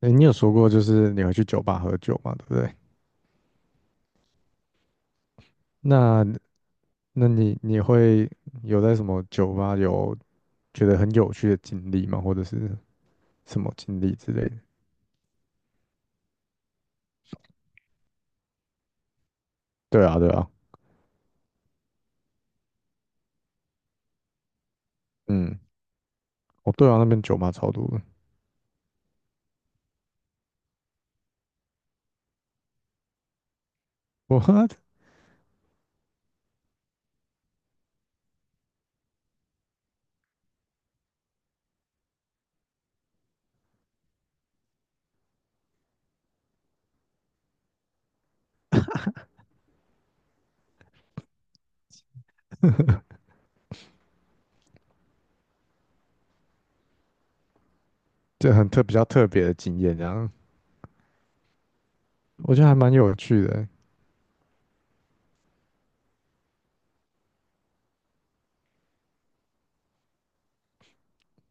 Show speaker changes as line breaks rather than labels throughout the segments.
哎，你有说过就是你会去酒吧喝酒嘛，对不对？那那你会有在什么酒吧有觉得很有趣的经历吗？或者是什么经历之类的？对啊，对啊，嗯，哦，对啊，那边酒吧超多的，我 这比较特别的经验，这样我觉得还蛮有趣的欸。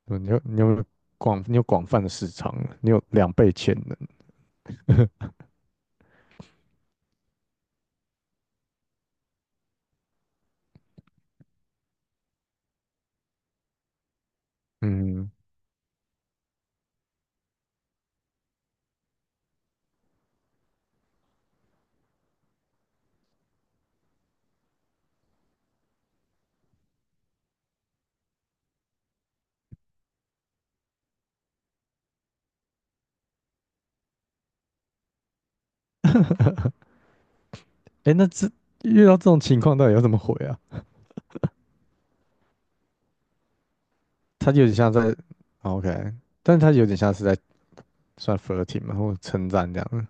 嗯，你有广泛的市场，你有2倍潜能。嗯，哎，遇到这种情况到底要怎么回啊？他有点像在 o k 但是他有点像是在算 flirting 嘛，或称赞这样。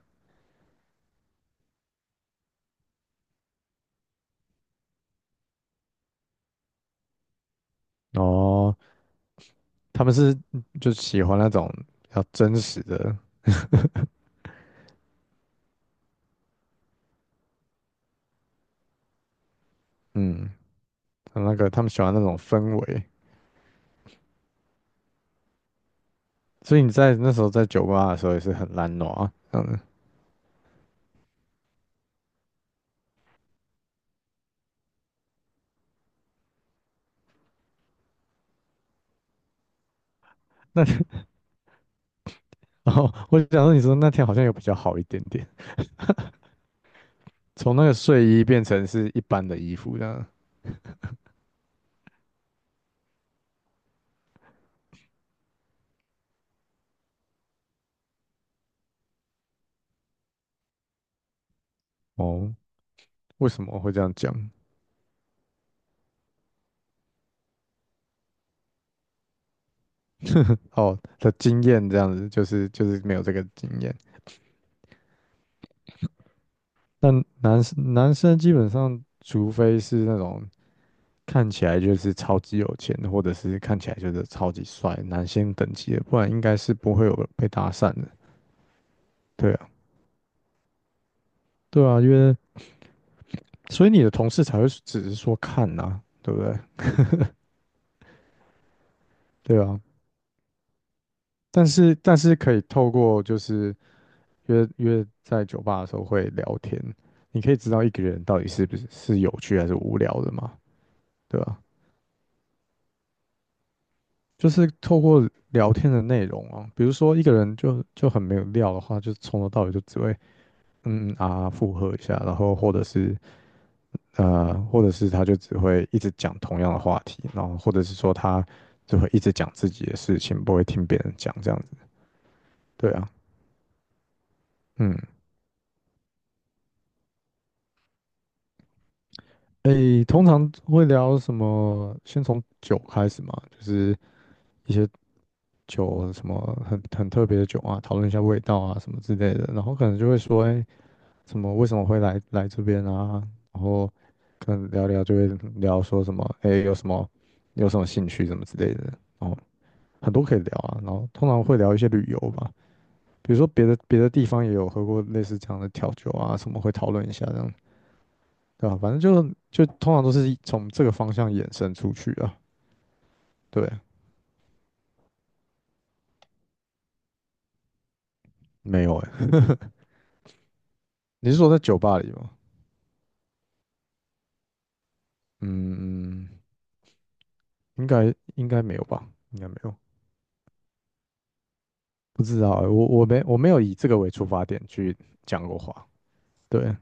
哦，他们是就喜欢那种比较真实的，嗯，那个他们喜欢那种氛围。所以你在那时候在酒吧的时候也是很懒惰啊，这样子。那 然后我想说，你说那天好像有比较好一点点，从那个睡衣变成是一般的衣服这样。哦，为什么会这样讲？哦的经验这样子，就是没有这个经验。但男生基本上，除非是那种看起来就是超级有钱，或者是看起来就是超级帅，男星等级的，不然应该是不会有被搭讪的。对啊，对啊，所以你的同事才会只是说看呐、对不对？对啊，但是可以透过就是约在酒吧的时候会聊天，你可以知道一个人到底是不是有趣还是无聊的嘛，对吧、就是透过聊天的内容啊，比如说一个人就很没有料的话，就从头到尾就只会嗯嗯啊附和一下，然后或者是或者是他就只会一直讲同样的话题，然后或者是说他就会一直讲自己的事情，不会听别人讲这样子。对啊，嗯，诶，通常会聊什么？先从酒开始嘛，就是一些酒什么很特别的酒啊，讨论一下味道啊什么之类的，然后可能就会说，哎，什么为什么会来这边啊，然后可能聊聊就会聊说什么，哎，有什么兴趣什么之类的，然后很多可以聊啊，然后通常会聊一些旅游吧，比如说别的地方也有喝过类似这样的调酒啊，什么会讨论一下这样，对吧、反正就通常都是从这个方向衍生出去啊，对，没有哎、你是说在酒吧里吗？嗯，应该没有吧，应该没有。不知道欸，我没有以这个为出发点去讲过话，对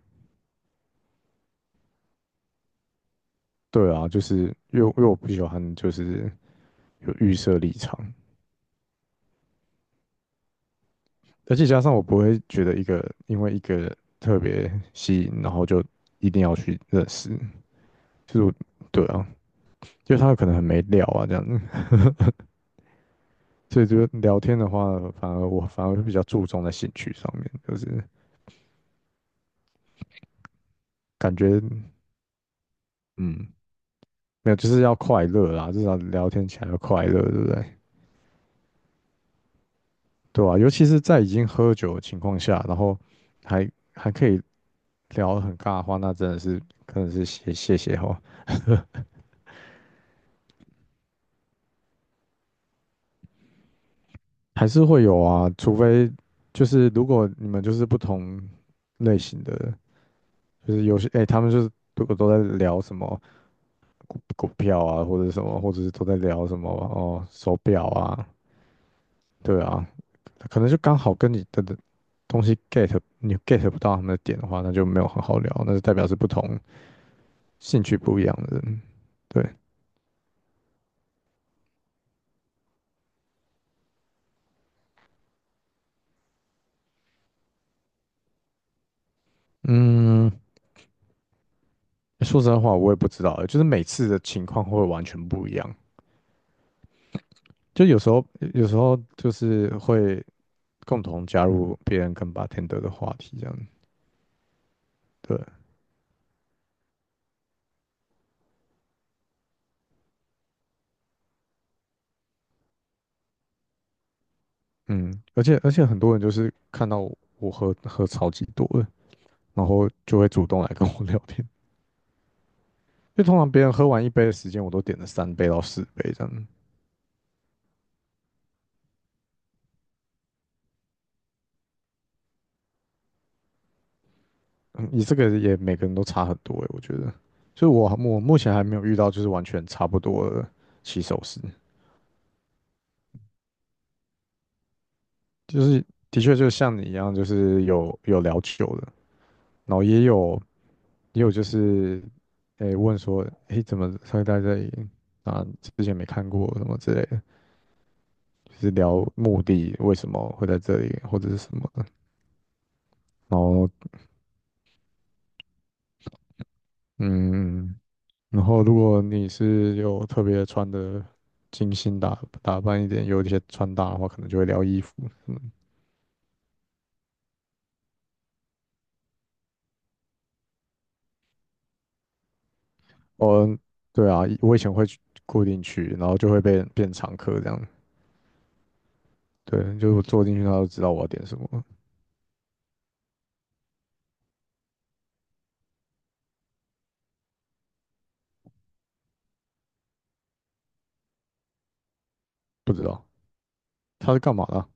对啊，就是因为我不喜欢就是有预设立场，而且加上我不会觉得一个因为一个特别吸引，然后就一定要去认识，就是我对啊，因为他可能很没料啊这样子，所以就聊天的话，我反而会比较注重在兴趣上面，就是感觉嗯没有就是要快乐啦，至少聊天起来要快乐，对不对？对啊，尤其是在已经喝酒的情况下，然后还可以聊得很尬的话，那真的是可能是谢谢哦，还是会有啊，除非就是如果你们就是不同类型的，就是有些哎、他们就是如果都在聊什么股票啊，或者什么，或者是都在聊什么哦手表啊，对啊，可能就刚好跟你的东西 get 你 get 不到他们的点的话，那就没有很好聊，那就代表是不同兴趣不一样的人，对，嗯。说真在话，我也不知道，就是每次的情况会完全不一样。就有时候，有时候就是会共同加入别人跟 bartender 的话题这样。对，嗯，而且很多人就是看到我喝超级多的，然后就会主动来跟我聊天。就通常别人喝完一杯的时间，我都点了3到4杯这样。嗯，你这个也每个人都差很多诶，我觉得。所以我目前还没有遇到就是完全差不多的起手式。就是的确就像你一样，就是有聊久的，然后也有就是，诶、问说，诶、怎么会在这里？啊，之前没看过什么之类的，就是聊目的为什么会在这里，或者是什么的。然后，嗯，然后如果你是有特别穿的精心打扮一点，有一些穿搭的话，可能就会聊衣服。嗯，哦，对啊，我以前会去固定去，然后就会被变常客这样。对，就是我坐进去，他都知道我要点什么了不知道他是干嘛的啊？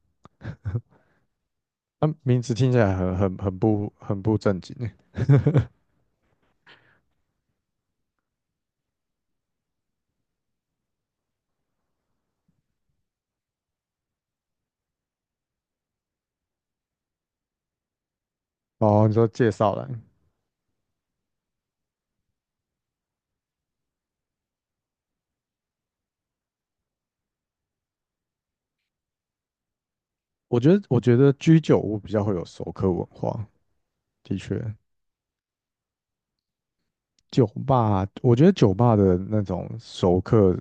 他名字听起来很不正经欸。哦，你说介绍栏？我觉得居酒屋比较会有熟客文化，的确，酒吧我觉得酒吧的那种熟客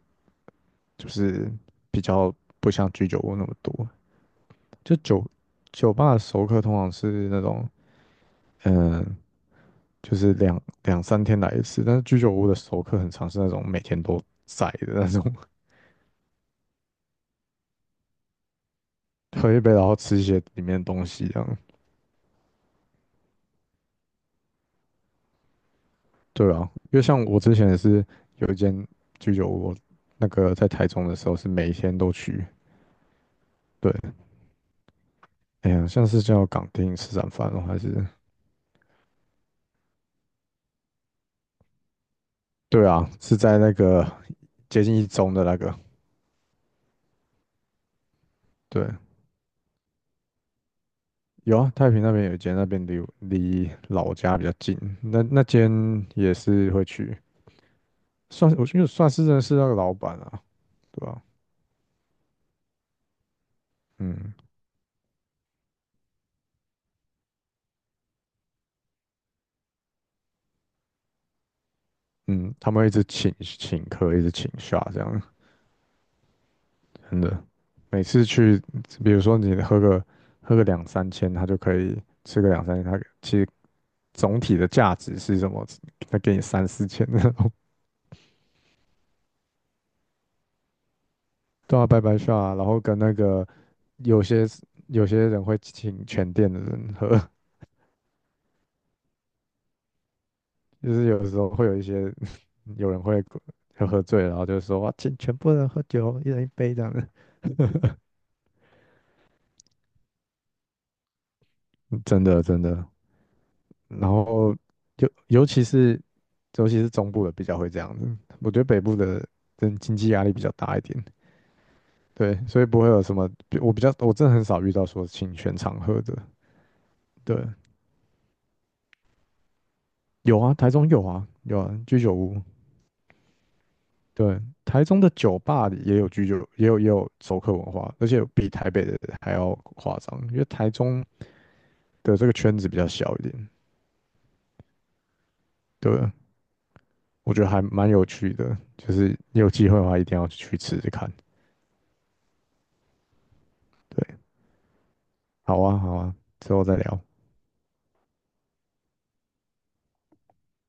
就是比较不像居酒屋那么多。就酒吧的熟客通常是那种嗯，就是两三天来一次，但是居酒屋的熟客很常是那种每天都在的那种。喝一杯，然后吃一些里面的东西，这样。对啊，因为像我之前也是有一间居酒屋，那个在台中的时候是每天都去。对，哎呀，像是叫港町吃餐饭哦，还是对啊，是在那个接近一中的那个。对，有啊，太平那边有一间，那边离老家比较近，那间也是会去，算我觉得算是认识那个老板啊，对吧、嗯嗯，他们会一直请客，一直请下这样。真的，每次去，比如说你喝个两三千，他就可以吃个两三千，他其实总体的价值是什么？他给你三四千那种，对啊，拜拜，啊，然后跟那个有些有些人会请全店的人喝，就是有的时候会有一些 有人会喝醉了然后就说哇，请全部人喝酒，一人一杯这样的，真的真的。然后尤尤其是尤其是中部的比较会这样子，我觉得北部的真经济压力比较大一点，对，所以不会有什么，我比较我真的很少遇到说请全场喝的，对，有啊，台中有啊，有啊，居酒屋，对，台中的酒吧里也有居酒，也有熟客文化，而且比台北的还要夸张，因为台中的这个圈子比较小一点，对，我觉得还蛮有趣的，就是你有机会的话一定要去吃吃看，对，好啊，好啊，之后再聊。